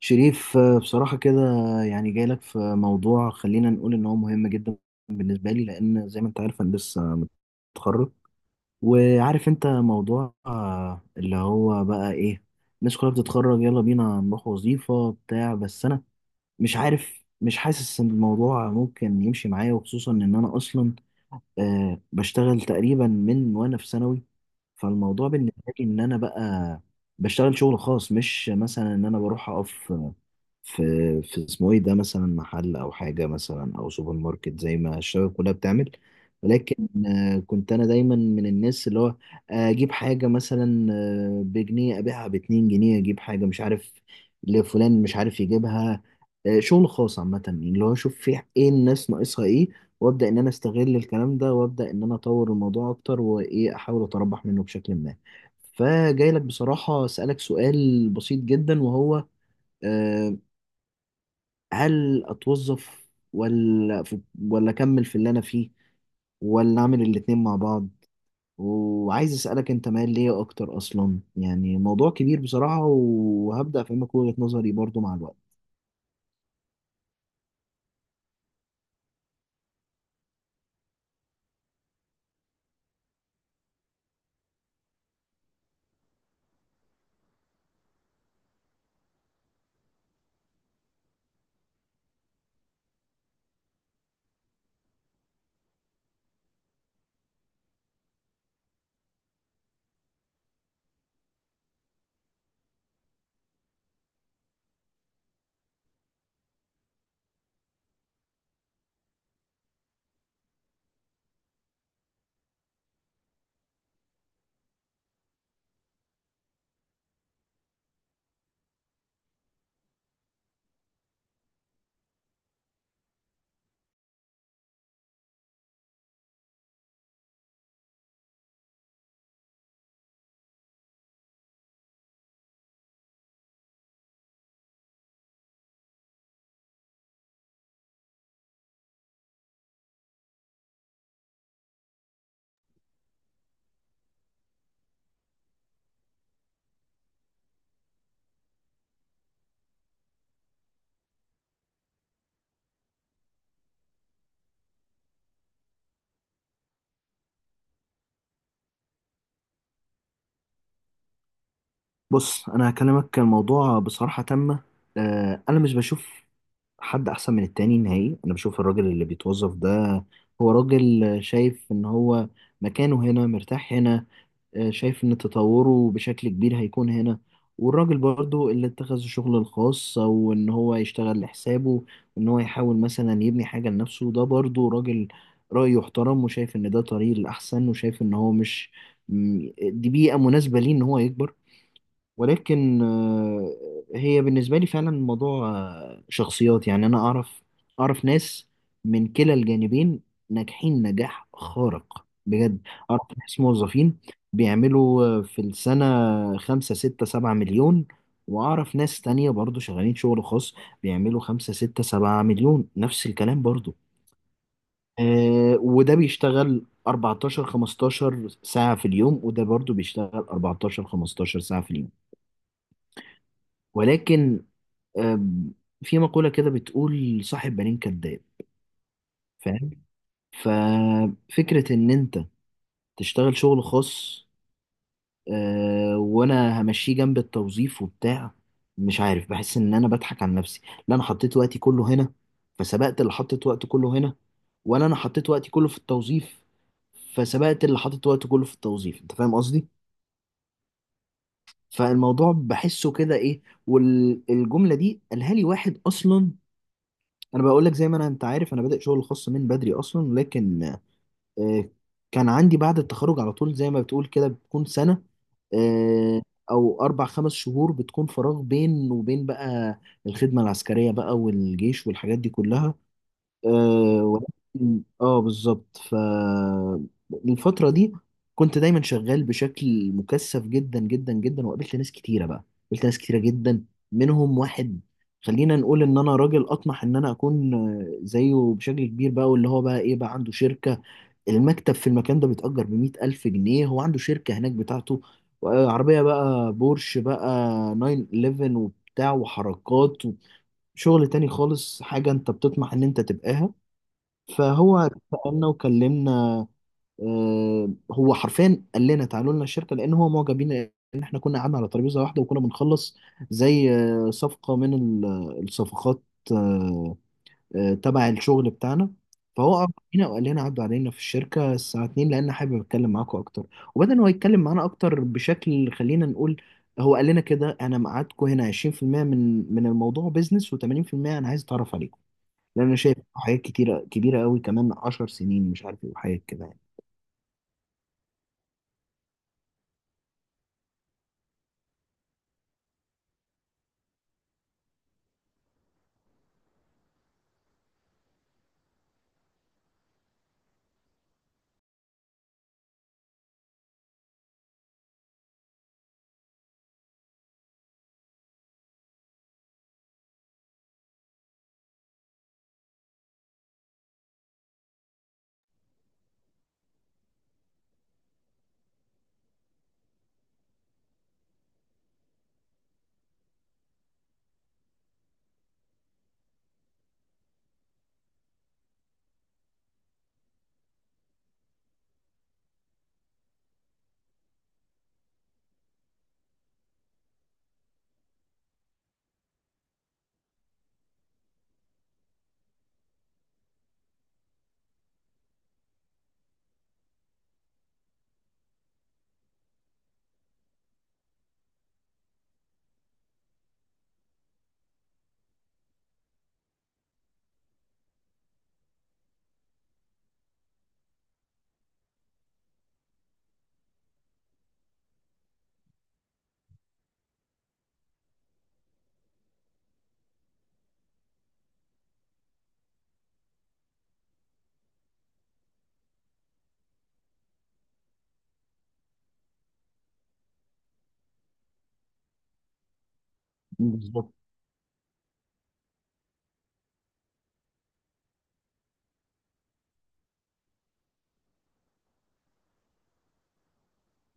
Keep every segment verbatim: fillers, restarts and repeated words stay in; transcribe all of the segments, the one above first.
شريف، آه، بصراحة كده، يعني جاي لك في موضوع خلينا نقول إن هو مهم جدا بالنسبة لي، لأن زي ما أنت عارف أنا لسه متخرج. وعارف أنت موضوع آه، اللي هو بقى إيه، الناس كلها بتتخرج يلا بينا نروح وظيفة بتاع، بس أنا مش عارف، مش حاسس إن الموضوع ممكن يمشي معايا، وخصوصا إن أنا أصلا آه، بشتغل تقريبا من وأنا في ثانوي. فالموضوع بالنسبة لي إن أنا بقى بشتغل شغل خاص، مش مثلا إن أنا بروح أقف في في اسمه ايه ده، مثلا محل او حاجه مثلا او سوبر ماركت زي ما الشباب كلها بتعمل، ولكن آه، كنت انا دايما من الناس اللي هو اجيب حاجه مثلا آه، بجنيه ابيعها باتنين جنيه، اجيب حاجه مش عارف لفلان مش عارف يجيبها. آه، شغل خاص عامه، يعني اللي هو اشوف في ايه، الناس ناقصها ايه، وابدا ان انا استغل الكلام ده، وابدا ان انا اطور الموضوع اكتر، وايه، احاول اتربح منه بشكل ما. فجاي لك بصراحه اسالك سؤال بسيط جدا، وهو آه، هل اتوظف، ولا في ولا اكمل في اللي انا فيه، ولا اعمل الاتنين مع بعض؟ وعايز اسالك انت مايل ليه اكتر اصلا، يعني موضوع كبير بصراحه، وهبدا افهمك وجهه نظري برضو مع الوقت. بص، انا هكلمك كان الموضوع بصراحه تامه، آه، انا مش بشوف حد احسن من التاني نهائي. انا بشوف الراجل اللي بيتوظف ده هو راجل شايف ان هو مكانه هنا، مرتاح هنا، آه، شايف إن تطوره بشكل كبير هيكون هنا. والراجل برضو اللي اتخذ الشغل الخاص، أو إن هو يشتغل لحسابه، وإن هو يحاول مثلا يبني حاجة لنفسه، ده برضو راجل رأيه يحترم، وشايف إن ده طريق الأحسن، وشايف إن هو مش، م- دي بيئة مناسبة ليه إن هو يكبر. ولكن آه، هي بالنسبة لي فعلا الموضوع آه، شخصيات. يعني أنا أعرف أعرف ناس من كلا الجانبين ناجحين نجاح خارق بجد. أعرف ناس موظفين بيعملوا آه، في السنة خمسة ستة سبعة مليون، وأعرف ناس تانية برضو شغالين شغل خاص بيعملوا خمسة ستة سبعة مليون نفس الكلام برضو. آه، وده بيشتغل اربعتاشر خمستاشر ساعة في اليوم، وده برضو بيشتغل اربعتاشر خمستاشر ساعة في اليوم، ولكن أم، في مقولة كده بتقول صاحب بالين كداب، فاهم؟ ففكرة إن أنت تشتغل شغل خاص، أه، وأنا همشيه جنب التوظيف وبتاع، مش عارف، بحس إن أنا بضحك على نفسي. لا أنا حطيت وقتي كله هنا فسبقت اللي حطيت وقته كله هنا، ولا أنا حطيت وقتي كله في التوظيف فسبقت اللي حطيت وقته كله في التوظيف. أنت فاهم قصدي؟ فالموضوع بحسه كده إيه، والجملة دي قالها لي واحد أصلا. انا بقول لك، زي ما انا انت عارف، انا بادئ شغل خاص من بدري اصلا، لكن آه، كان عندي بعد التخرج على طول، زي ما بتقول كده، بتكون سنة آه، او اربع خمس شهور بتكون فراغ بين وبين، بقى الخدمة العسكرية بقى والجيش والحاجات دي كلها. آه ولكن اه بالظبط، فالفترة دي كنت دايما شغال بشكل مكثف جدا جدا جدا، وقابلت ناس كتيرة بقى، قابلت ناس كتيرة جدا، منهم واحد خلينا نقول ان انا راجل اطمح ان انا اكون آه، زيه بشكل كبير بقى، واللي هو بقى ايه بقى عنده شركة، المكتب في المكان ده بيتأجر بمية ألف جنيه، هو عنده شركة هناك بتاعته. آه، عربية بقى، بورش بقى، تسعة واحد واحد وبتاع وحركات، وشغل تاني خالص، حاجة انت بتطمح ان انت تبقاها. فهو سألنا وكلمنا، آه، هو حرفيا قال لنا تعالوا لنا الشركة، لأن هو معجب بينا إن إحنا كنا قعدنا على ترابيزة واحدة وكنا بنخلص زي آه، صفقة من ال- آه، الصفقات آه، آه، تبع الشغل بتاعنا. فهو أعجب بينا وقال لنا عدوا علينا في الشركة الساعة الثانية، لأن حابب أتكلم معاكم أكتر. وبدأ إن هو يتكلم معانا أكتر بشكل، خلينا نقول، هو قال لنا كده: أنا ميعادكم هنا عشرين في المية من من الموضوع بيزنس، و80% أنا عايز أتعرف عليكم، لان انا شايف حاجات كتيره كبيره قوي كمان عشر سنين، مش عارف ايه، وحاجات كده يعني. بالظبط،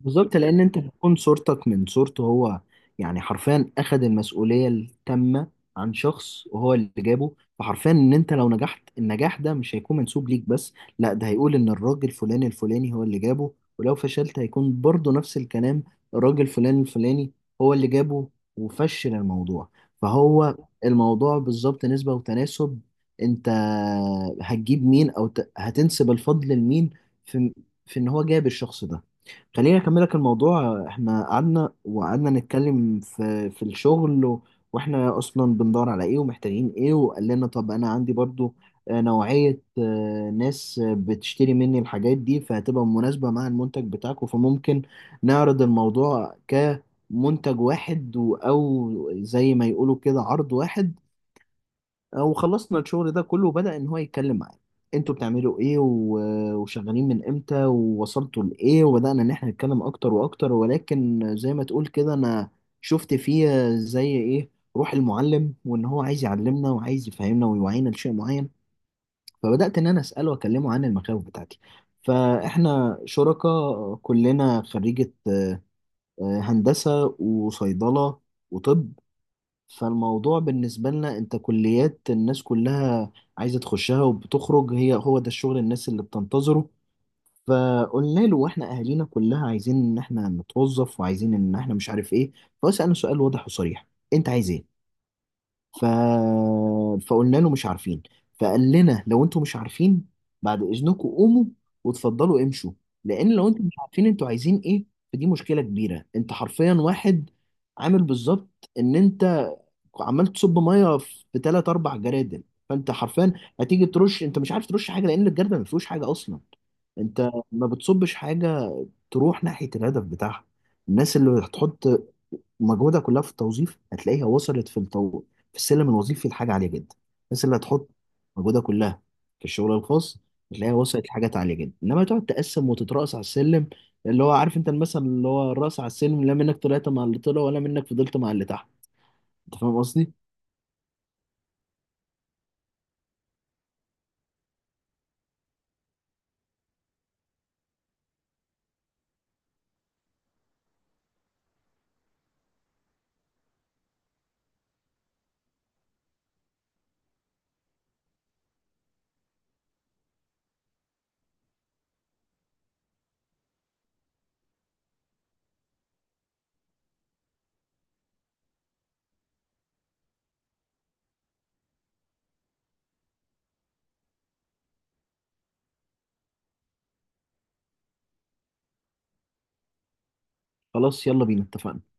بالظبط، لان انت بتكون صورتك من صورته هو، يعني حرفيا اخد المسؤوليه التامه عن شخص وهو اللي جابه. فحرفيا ان انت لو نجحت النجاح ده مش هيكون منسوب ليك بس، لا، ده هيقول ان الراجل فلاني الفلاني هو اللي جابه، ولو فشلت هيكون برضه نفس الكلام، الراجل فلان الفلاني هو اللي جابه وفشل الموضوع. فهو الموضوع بالظبط نسبه وتناسب، انت هتجيب مين، او ت- هتنسب الفضل لمين في في ان هو جاب الشخص ده. خليني اكملك الموضوع، احنا قعدنا وقعدنا نتكلم في في الشغل و- واحنا اصلا بندور على ايه ومحتاجين ايه، وقال لنا طب انا عندي برضو آه، نوعية آه، ناس آه، بتشتري مني الحاجات دي، فهتبقى مناسبة مع المنتج بتاعكم، فممكن نعرض الموضوع كمنتج واحد، و- او زي ما يقولوا كده عرض واحد. وخلصنا الشغل ده كله، وبدأ إن هو يتكلم معايا: انتوا بتعملوا ايه و- وشغالين من امتى ووصلتوا لايه، وبدأنا ان احنا نتكلم اكتر واكتر. ولكن زي ما تقول كده، انا شفت فيه زي ايه، روح المعلم، وان هو عايز يعلمنا وعايز يفهمنا ويوعينا لشيء معين. فبدأت ان انا اسأله واكلمه عن المخاوف بتاعتي، فاحنا شركاء كلنا خريجة آه، هندسة وصيدلة وطب، فالموضوع بالنسبة لنا، انت كليات الناس كلها عايزة تخشها وبتخرج، هي هو ده الشغل الناس اللي بتنتظره. فقلنا له واحنا اهالينا كلها عايزين ان احنا نتوظف، وعايزين ان احنا مش عارف ايه. فسألنا سؤال واضح وصريح: انت عايز ايه؟ ف... فقلنا له مش عارفين. فقال لنا: لو انتوا مش عارفين، بعد اذنكم قوموا وتفضلوا امشوا، لان لو انتوا مش عارفين انتوا عايزين ايه، فدي مشكله كبيره. انت حرفيا واحد عامل بالظبط ان انت عمال تصب ميه في ثلاث اربع جرادل، فانت حرفيا هتيجي ترش انت مش عارف ترش حاجه، لان الجردل ما فيهوش حاجه اصلا. انت ما بتصبش حاجه تروح ناحيه الهدف بتاعها. الناس اللي هتحط ومجهودها كلها في التوظيف هتلاقيها وصلت في التو... في السلم الوظيفي لحاجه عاليه جدا، الناس اللي هتحط مجهودها كلها في الشغل الخاص هتلاقيها وصلت لحاجات عاليه جدا. انما تقعد تقسم وتترأس على السلم، اللي هو عارف انت المثل اللي هو الرأس على السلم، لا منك طلعت مع اللي طلع، ولا منك فضلت مع اللي تحت. انت فاهم قصدي؟ خلاص، يلا بينا، اتفقنا.